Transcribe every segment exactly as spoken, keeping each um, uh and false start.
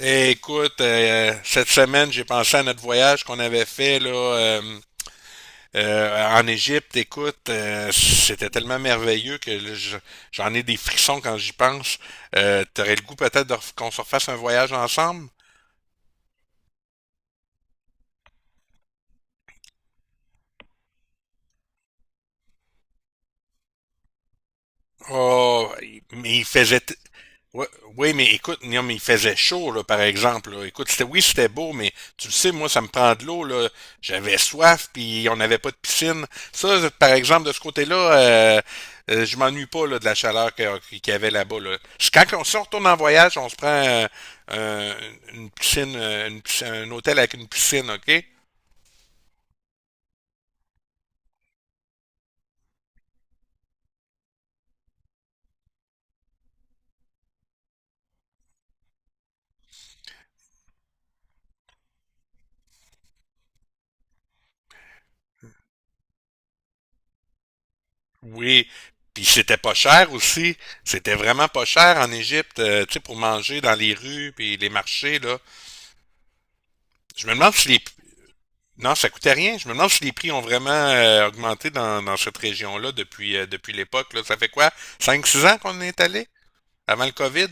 Eh, écoute, euh, cette semaine, j'ai pensé à notre voyage qu'on avait fait là, euh, euh, en Égypte. Écoute, euh, c'était tellement merveilleux que là, je- j'en ai des frissons quand j'y pense. Euh, t'aurais le goût peut-être de ref- qu'on se refasse un voyage ensemble? Oh, mais il faisait. t- Ouais, oui, mais écoute, non, mais il faisait chaud, là, par exemple, là. Écoute, c'était, oui, c'était beau, mais tu le sais, moi, ça me prend de l'eau, là. J'avais soif, puis on n'avait pas de piscine. Ça, par exemple, de ce côté-là, euh, euh, je m'ennuie pas, là, de la chaleur que- qu'il y avait là-bas, là. C'est quand on, si on retourne en voyage, on se prend euh, euh, une piscine, euh, une piscine- un hôtel avec une piscine, OK? Oui, puis c'était pas cher aussi. C'était vraiment pas cher en Égypte, euh, tu sais, pour manger dans les rues puis les marchés, là. Je me demande si les... Non, ça coûtait rien. Je me demande si les prix ont vraiment euh, augmenté dans, dans cette région-là depuis, euh, depuis l'époque, là. Ça fait quoi? Cinq six ans qu'on est allé? Avant le COVID?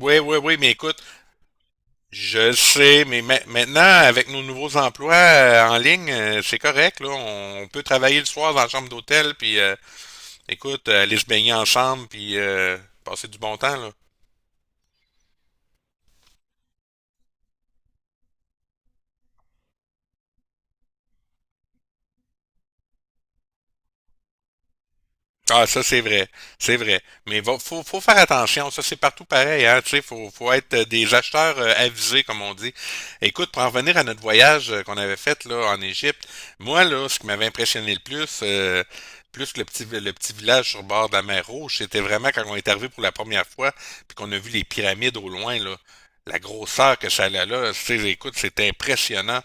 Oui, oui, oui, mais écoute, je le sais, mais ma- maintenant, avec nos nouveaux emplois euh, en ligne, euh, c'est correct, là. On peut travailler le soir dans la chambre d'hôtel, puis euh, écoute, euh, aller se baigner ensemble puis euh, passer du bon temps, là. Ah, ça, c'est vrai. C'est vrai. Mais va, faut, faut faire attention. Ça, c'est partout pareil, hein. Tu sais, faut, faut être euh, des acheteurs euh, avisés, comme on dit. Écoute, pour en revenir à notre voyage euh, qu'on avait fait, là, en Égypte, moi, là, ce qui m'avait impressionné le plus, euh, plus que le petit, le petit village sur le bord de la mer Rouge, c'était vraiment quand on est arrivé pour la première fois, puis qu'on a vu les pyramides au loin, là. La grosseur que ça a là, tu sais, écoute, c'était impressionnant.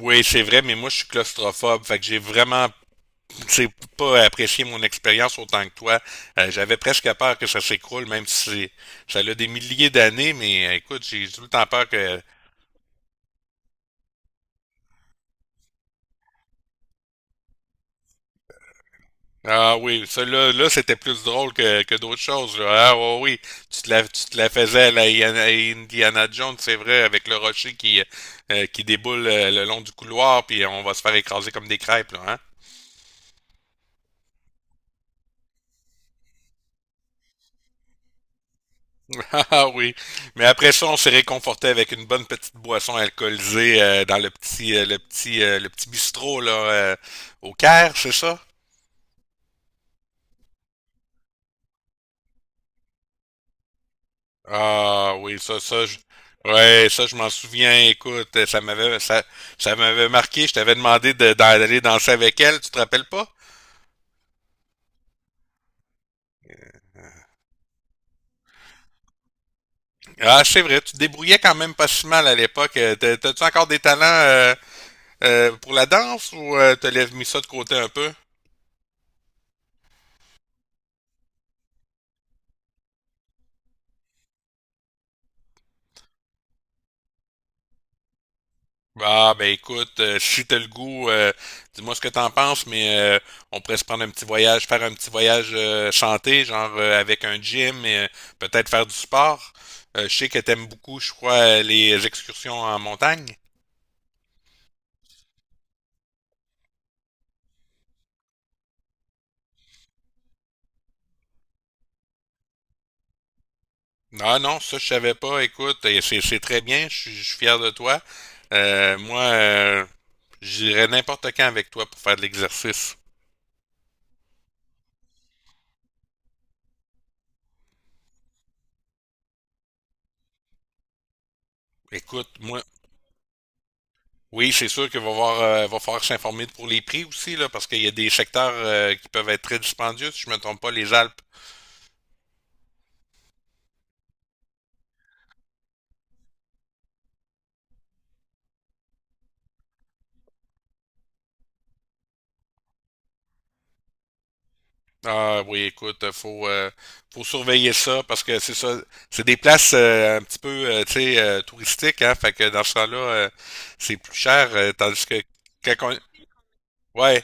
Oui, c'est vrai, mais moi, je suis claustrophobe. Fait que j'ai vraiment, c'est pas apprécié mon expérience autant que toi. Euh, j'avais presque peur que ça s'écroule, même si c'est- ça a des milliers d'années, mais euh, écoute, j'ai tout le temps peur que. Ah oui, ça là là, c'était plus drôle que, que d'autres choses, là. Ah ouais, oui, tu te la, tu te la faisais à la Iana- à Indiana Jones, c'est vrai, avec le rocher qui, euh, qui déboule euh, le long du couloir, puis on va se faire écraser comme des crêpes, là, hein? Ah ah, oui, mais après ça, on s'est réconforté avec une bonne petite boisson alcoolisée, euh, dans le petit, euh, le petit, euh, le petit bistrot là, euh, au Caire, c'est ça? Ah oui, ça, ça, je... Ouais, ça, je m'en souviens. Écoute, ça m'avait, ça, ça m'avait marqué. Je t'avais demandé de- d'a- d'aller danser avec elle. Tu te rappelles pas? Ah, c'est vrai. Tu te débrouillais quand même pas si mal à l'époque. Euh, t'as- T'as-tu encore des talents euh, euh, pour la danse ou euh, t'as mis ça de côté un peu? Ah, ben écoute, euh, si t'as le goût, euh, dis-moi ce que t'en penses, mais euh, on pourrait se prendre un petit voyage, faire un petit voyage euh, santé, genre euh, avec un gym et euh, peut-être faire du sport. Euh, je sais que t'aimes beaucoup, je crois, euh, les excursions en montagne. Ah non, ça je savais pas, écoute, et c'est c'est très bien, je suis je suis fier de toi. Euh, moi, euh, j'irais n'importe quand avec toi pour faire de l'exercice. Écoute, moi. Oui, c'est sûr qu'il va voir, euh, va falloir s'informer pour les prix aussi, là, parce qu'il y a des secteurs euh, qui peuvent être très dispendieux, si je me trompe pas, les Alpes. Ah oui, écoute, faut euh, faut surveiller ça parce que c'est ça, c'est des places euh, un petit peu euh, tu sais euh, touristiques, hein, fait que dans ce temps-là, euh, c'est plus cher, euh, tandis que quand on... Ouais,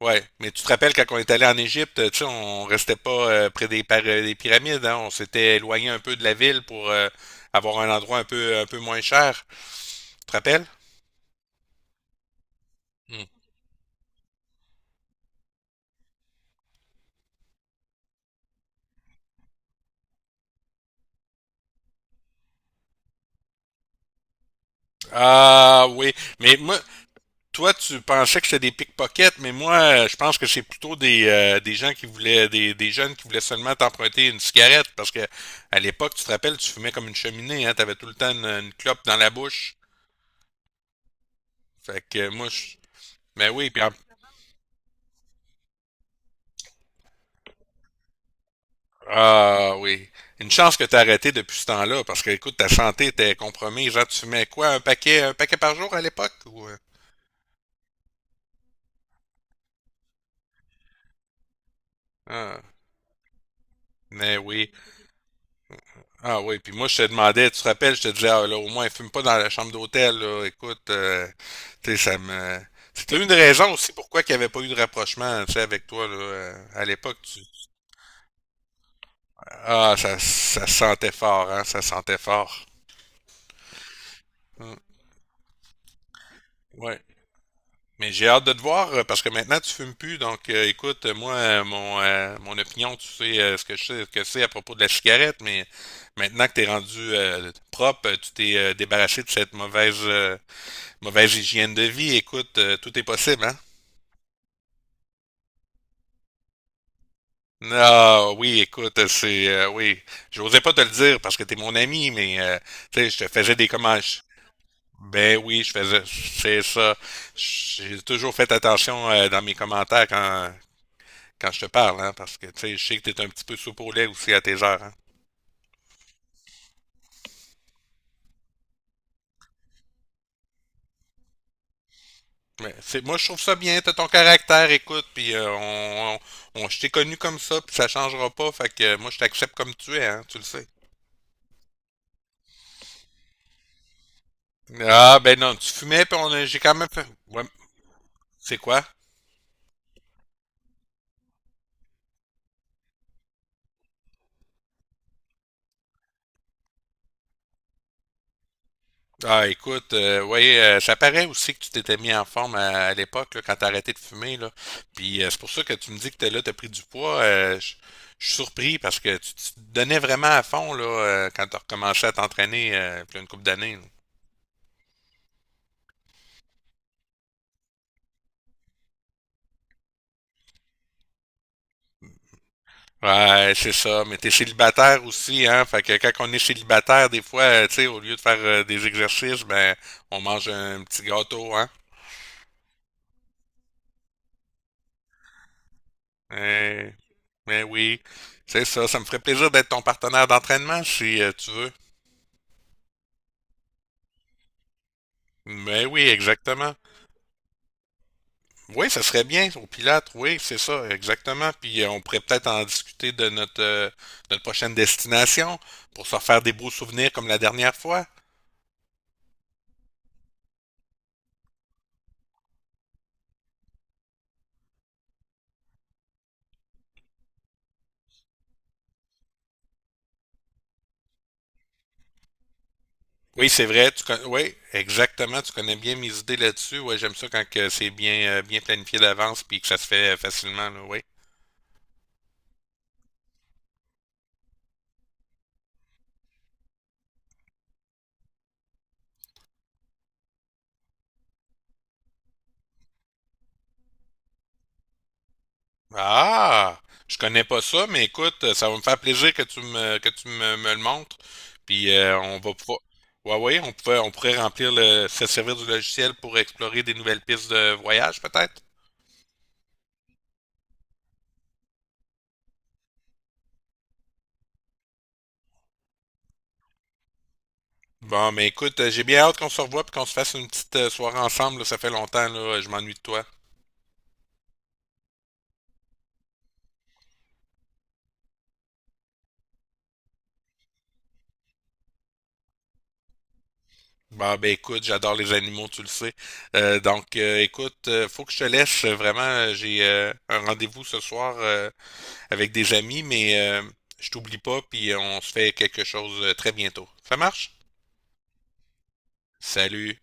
ouais, mais tu te rappelles quand on est allé en Égypte, tu sais, on restait pas euh, près des, par- euh, des pyramides, hein, on s'était éloigné un peu de la ville pour euh, avoir un endroit un peu un peu moins cher, tu te rappelles? Ah oui, mais moi, toi, tu pensais que c'était des pickpockets, mais moi, euh, je pense que c'est plutôt des, euh, des gens qui voulaient, des, des jeunes qui voulaient seulement t'emprunter une cigarette, parce que à l'époque, tu te rappelles, tu fumais comme une cheminée, hein, t'avais tout le temps une, une clope dans la bouche. Fait que euh, moi, je... Mais oui, puis en- ah oui, une chance que t'as arrêté depuis ce temps-là, parce que écoute, ta santé était compromise. Genre, tu fumais quoi, un paquet, un paquet par jour à l'époque ou euh, ah, mais oui. Ah oui, puis moi je te demandais, tu te rappelles, je te disais, ah, là, au moins fume pas dans la chambre d'hôtel, là, écoute, euh, tu sais, ça me... C'était une raison aussi pourquoi qu'il n'y avait pas eu de rapprochement, tu sais, avec toi, là, euh, à l'époque, tu... Ah, ça, ça sentait fort, hein, ça sentait fort. Hum, ouais. Mais j'ai hâte de te voir, euh, parce que maintenant tu fumes plus, donc euh, écoute, euh, moi, euh, mon, euh, mon opinion, tu sais euh, ce que je sais, ce que c'est à propos de la cigarette, mais maintenant que t'es rendu euh, propre, euh, tu t'es euh, débarrassé de cette mauvaise... euh, mauvaise hygiène de vie, écoute, euh, tout est possible, hein? Non, oui, écoute, c'est... euh, oui, j'osais pas te le dire parce que t'es mon ami, mais, euh, tu sais, je te faisais des commentaires. Ben oui, je faisais... C'est ça. J'ai toujours fait attention euh, dans mes commentaires quand, quand, je te parle, hein, parce que, tu sais, je sais que t'es un petit peu soupe au lait aussi à tes heures, hein. Mais c'est, moi, je trouve ça bien, t'as ton caractère, écoute, puis euh, on, on, on- je t'ai connu comme ça, puis ça changera pas, fait que euh, moi, je t'accepte comme tu es, hein, tu le sais. Ah, ben non, tu fumais, puis on a- j'ai quand même fait. Ouais, c'est quoi? Ah, écoute, euh, ouais, euh, ça paraît aussi que tu t'étais mis en forme à, à l'époque, là, quand t'as arrêté de fumer, là. Puis euh, c'est pour ça que tu me dis que t'es là, t'as pris du poids. euh, je je suis surpris parce que tu, tu te donnais vraiment à fond, là, euh, quand t'as recommencé à t'entraîner, euh, il y a une couple d'années, là. Ouais, c'est ça, mais t'es célibataire aussi, hein. Fait que quand on est célibataire, des fois, euh, tu sais, au lieu de faire euh, des exercices, ben, on mange un petit gâteau, hein. Ouais. Mais oui, c'est ça. Ça me ferait plaisir d'être ton partenaire d'entraînement si euh, tu veux. Mais oui, exactement. Oui, ça serait bien au pilote. Oui, c'est ça, exactement. Puis euh, on pourrait peut-être en discuter de notre, euh, notre prochaine destination pour se faire des beaux souvenirs comme la dernière fois. Oui, c'est vrai. Tu con- Oui, exactement. Tu connais bien mes idées là-dessus. Oui, j'aime ça quand que c'est bien, euh, bien planifié d'avance puis que ça se fait euh, facilement, là, oui. Ah! Je connais pas ça, mais écoute, ça va me faire plaisir que tu me, que tu me, me le montres. Puis euh, on va pouvoir. Ouais, ouais, on pouvait, on pourrait remplir le, se servir du logiciel pour explorer des nouvelles pistes de voyage, peut-être. Bon, mais écoute, euh, j'ai bien hâte qu'on se revoie puis qu'on se fasse une petite euh, soirée ensemble, là. Ça fait longtemps, là, je m'ennuie de toi. Bah ben écoute, j'adore les animaux, tu le sais. Euh, donc euh, écoute, euh, faut que je te laisse euh, vraiment. euh, J'ai euh, un rendez-vous ce soir euh, avec des amis, mais euh, je t'oublie pas, puis on se fait quelque chose euh, très bientôt. Ça marche? Salut.